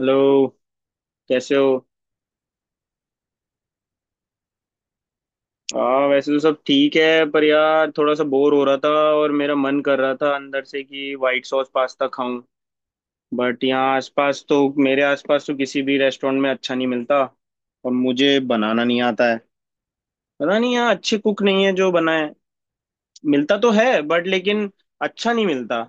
Hello. कैसे हो। हाँ, वैसे तो सब ठीक है, पर यार थोड़ा सा बोर हो रहा था। और मेरा मन कर रहा था अंदर से कि व्हाइट सॉस पास्ता खाऊं। बट यहाँ आसपास तो मेरे आसपास तो किसी भी रेस्टोरेंट में अच्छा नहीं मिलता। और मुझे बनाना नहीं आता है। पता नहीं, यहाँ अच्छे कुक नहीं है जो बनाए। मिलता तो है बट लेकिन अच्छा नहीं मिलता।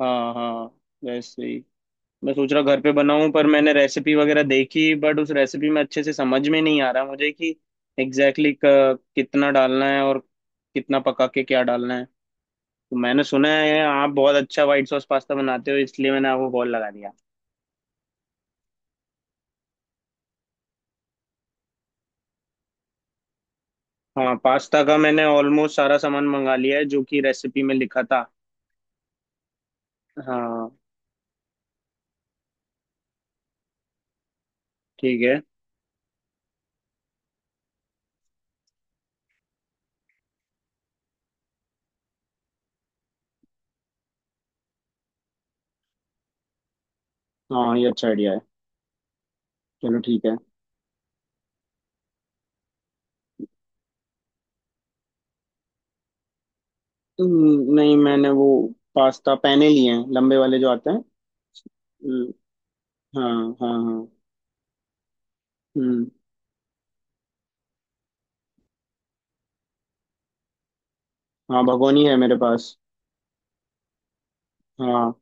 हाँ, हाँ। वैसे ही। मैं सोच रहा घर पे बनाऊं, पर मैंने रेसिपी वगैरह देखी बट उस रेसिपी में अच्छे से समझ में नहीं आ रहा मुझे कि एग्जैक्टली कितना डालना है और कितना पका के क्या डालना है। तो मैंने सुना है आप बहुत अच्छा व्हाइट सॉस पास्ता बनाते हो, इसलिए मैंने आपको कॉल लगा दिया। हाँ, पास्ता का मैंने ऑलमोस्ट सारा सामान मंगा लिया है, जो कि रेसिपी में लिखा था। हाँ। ठीक है। हाँ, ये अच्छा आइडिया है। चलो, ठीक है। नहीं, मैंने वो पास्ता पैने लिए हैं, लंबे वाले जो आते हैं। हम्म। हाँ, हाँ, हाँ। हम्म। हाँ, भगोनी है मेरे पास। हाँ।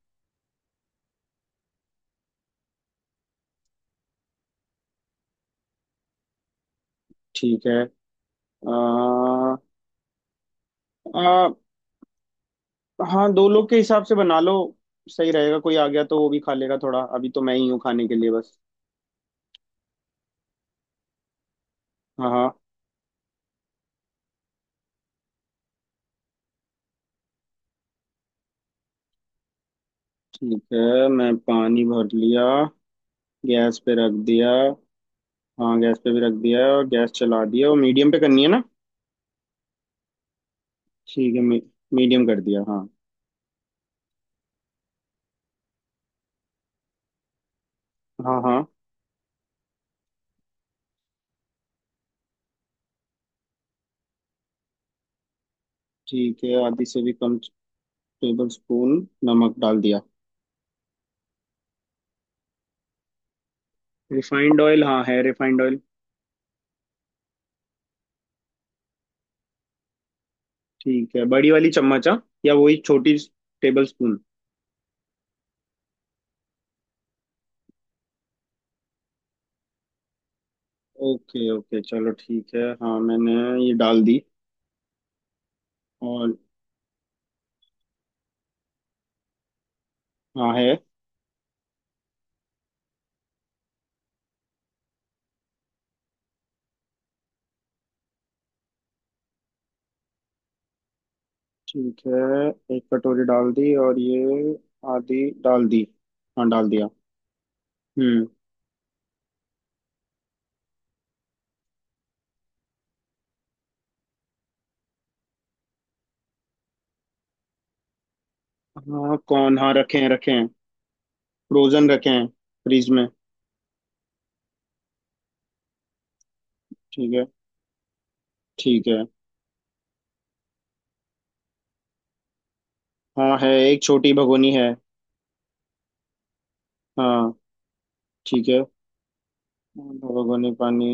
ठीक है। आ, आ, हाँ, दो लोग के हिसाब से बना लो। सही रहेगा, कोई आ गया तो वो भी खा लेगा थोड़ा, अभी तो मैं ही हूँ खाने के लिए बस। हाँ, हाँ। ठीक है, मैं पानी भर लिया। गैस पे रख दिया। हाँ, गैस पे भी रख दिया और गैस चला दिया। और मीडियम पे करनी है ना? ठीक है, मीडियम कर दिया। हाँ। हाँ, हाँ। ठीक है, आधी से भी कम टेबल स्पून नमक डाल दिया। Refined oil? हाँ, है रिफाइंड ऑयल। ठीक है, बड़ी वाली चम्मच हाँ? या वही छोटी? Tablespoon. ओके, ओके, चलो ठीक है। हाँ, मैंने ये डाल दी। और हाँ, है। ठीक है, एक कटोरी डाल दी और ये आधी डाल दी। हाँ, डाल दिया। हम्म। हाँ, कौन, हाँ रखे हैं, रखे हैं। फ्रोजन रखे हैं। फ्रीज में। ठीक है, ठीक है। हाँ, है, एक छोटी भगोनी है। हाँ। ठीक है। हाँ, दो भगोनी पानी।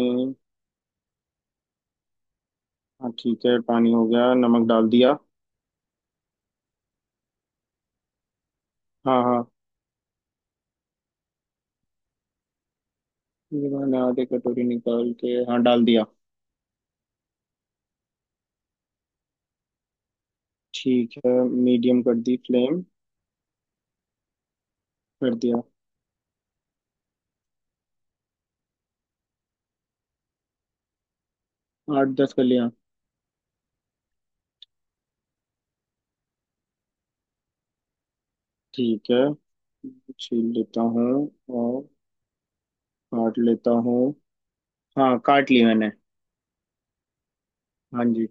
हाँ ठीक है, पानी हो गया, नमक डाल दिया। हाँ, हाँ। ये मैंने आधे कटोरी निकाल के, हाँ, डाल दिया। ठीक है, मीडियम कर दी फ्लेम। कर दिया। आठ दस कलियां। ठीक है, छील लेता हूँ। और काट लेता हूँ। हाँ, काट ली मैंने। हाँ जी।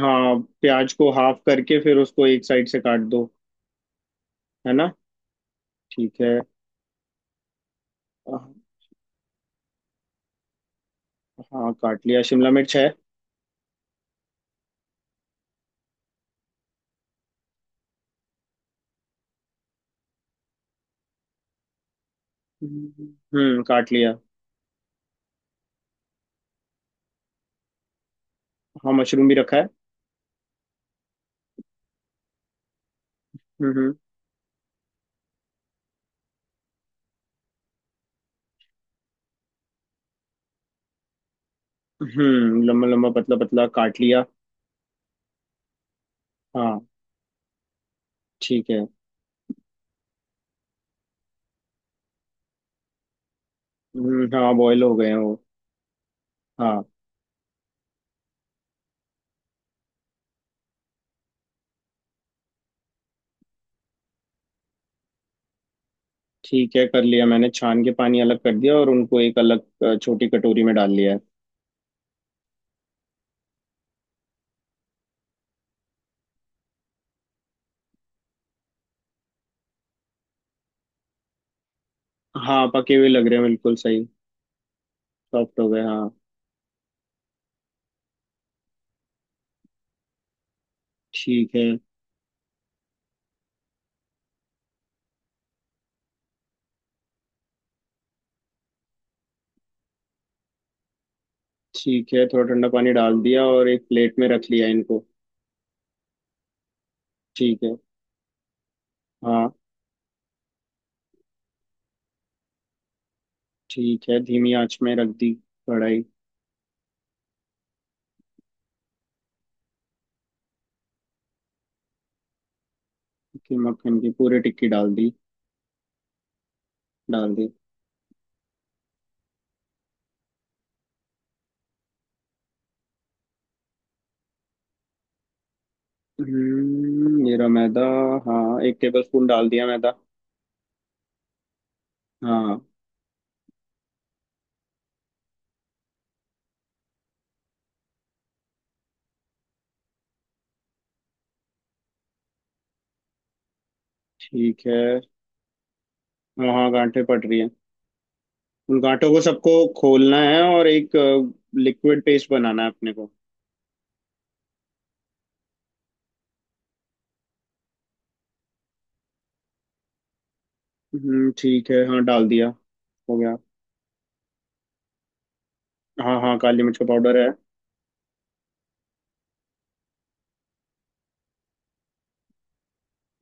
हाँ, प्याज को हाफ करके फिर उसको एक साइड से काट दो, है ना? ठीक है। हाँ, काट लिया। शिमला मिर्च है। हम्म, काट लिया। हाँ, मशरूम भी रखा है। हम्म, हम्म, लम्बा लम्बा पतला पतला काट लिया। हाँ, ठीक है। हाँ, बॉयल हो गए हैं वो। हाँ। ठीक है, कर लिया मैंने, छान के पानी अलग कर दिया और उनको एक अलग छोटी कटोरी में डाल लिया है। हाँ, पके हुए लग रहे हैं, बिल्कुल सही। सॉफ्ट हो गए, हाँ। ठीक है। ठीक है, थोड़ा ठंडा पानी डाल दिया और एक प्लेट में रख लिया इनको। ठीक है। हाँ। ठीक है, धीमी आंच में रख दी कढ़ाई। की मक्खन की पूरी टिक्की डाल दी। डाल दी। मेरा मैदा। हाँ, एक टेबल स्पून डाल दिया मैदा। हाँ। ठीक है। हाँ, हाँ, गांठें पड़ रही है। उन गांठों को सबको खोलना है और एक लिक्विड पेस्ट बनाना है अपने को। हम्म, ठीक है, हाँ, डाल दिया। हो गया। हाँ, हाँ, काली मिर्च का पाउडर है।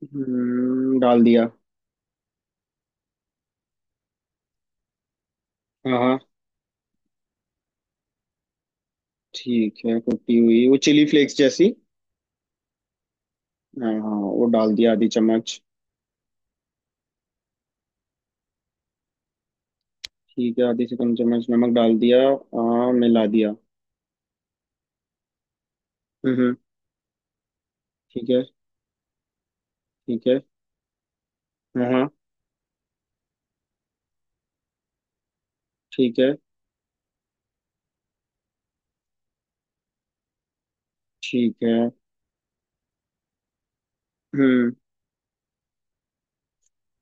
हम्म, डाल दिया। हाँ, हाँ। ठीक है, कुटी हुई वो चिली फ्लेक्स जैसी। हाँ, हाँ, वो डाल दिया आधी चम्मच। ठीक है, आधी से कम चम्मच नमक डाल दिया, हाँ, मिला दिया। हम्म, हम्म। ठीक है। ठीक है। हाँ, हाँ। ठीक है। ठीक है। हम्म।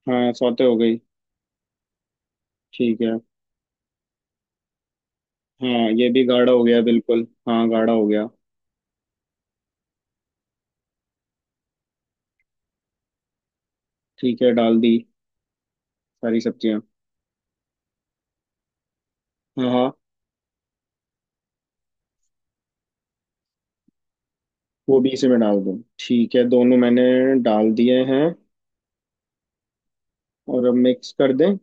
हाँ, सौते हो गई। ठीक है। हाँ, ये भी गाढ़ा हो गया, बिल्कुल, हाँ, गाढ़ा हो गया। ठीक है, डाल दी सारी सब्जियां। हाँ, हाँ। वो भी इसी में डाल दूँ? ठीक है, दोनों मैंने डाल दिए हैं। और अब मिक्स कर दें?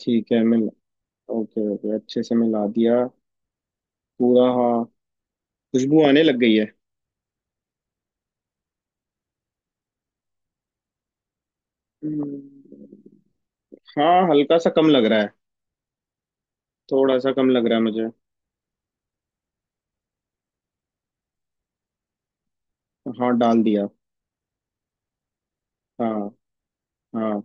ठीक है, मिल ओके, ओके, अच्छे से मिला दिया। पूरा, हाँ। खुशबू आने लग गई है। हम्म, हाँ, हल्का सा कम लग रहा है। थोड़ा सा कम लग रहा है मुझे। हाँ, डाल दिया। हाँ। हाँ।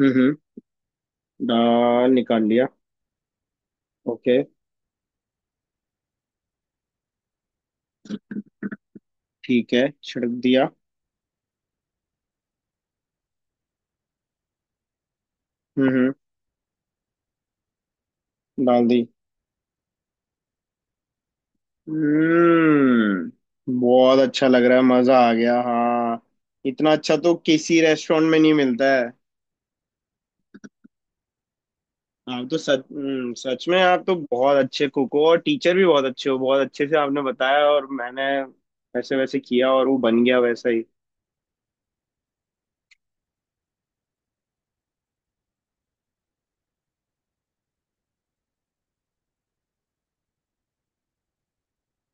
हम्म, हम्म, डाल निकाल लिया। ओके। ठीक है, छिड़क दिया। हम्म, हम्म। डाल दी। हम्म, बहुत अच्छा लग रहा है, मजा आ गया, हाँ। इतना अच्छा तो किसी रेस्टोरेंट में नहीं मिलता है। आप तो सच सच में आप तो बहुत अच्छे कुक हो और टीचर भी बहुत अच्छे हो। बहुत अच्छे से आपने बताया और मैंने वैसे वैसे किया और वो बन गया वैसा ही।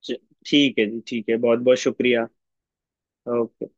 च- ठीक है जी, ठीक है, बहुत बहुत शुक्रिया। ओके।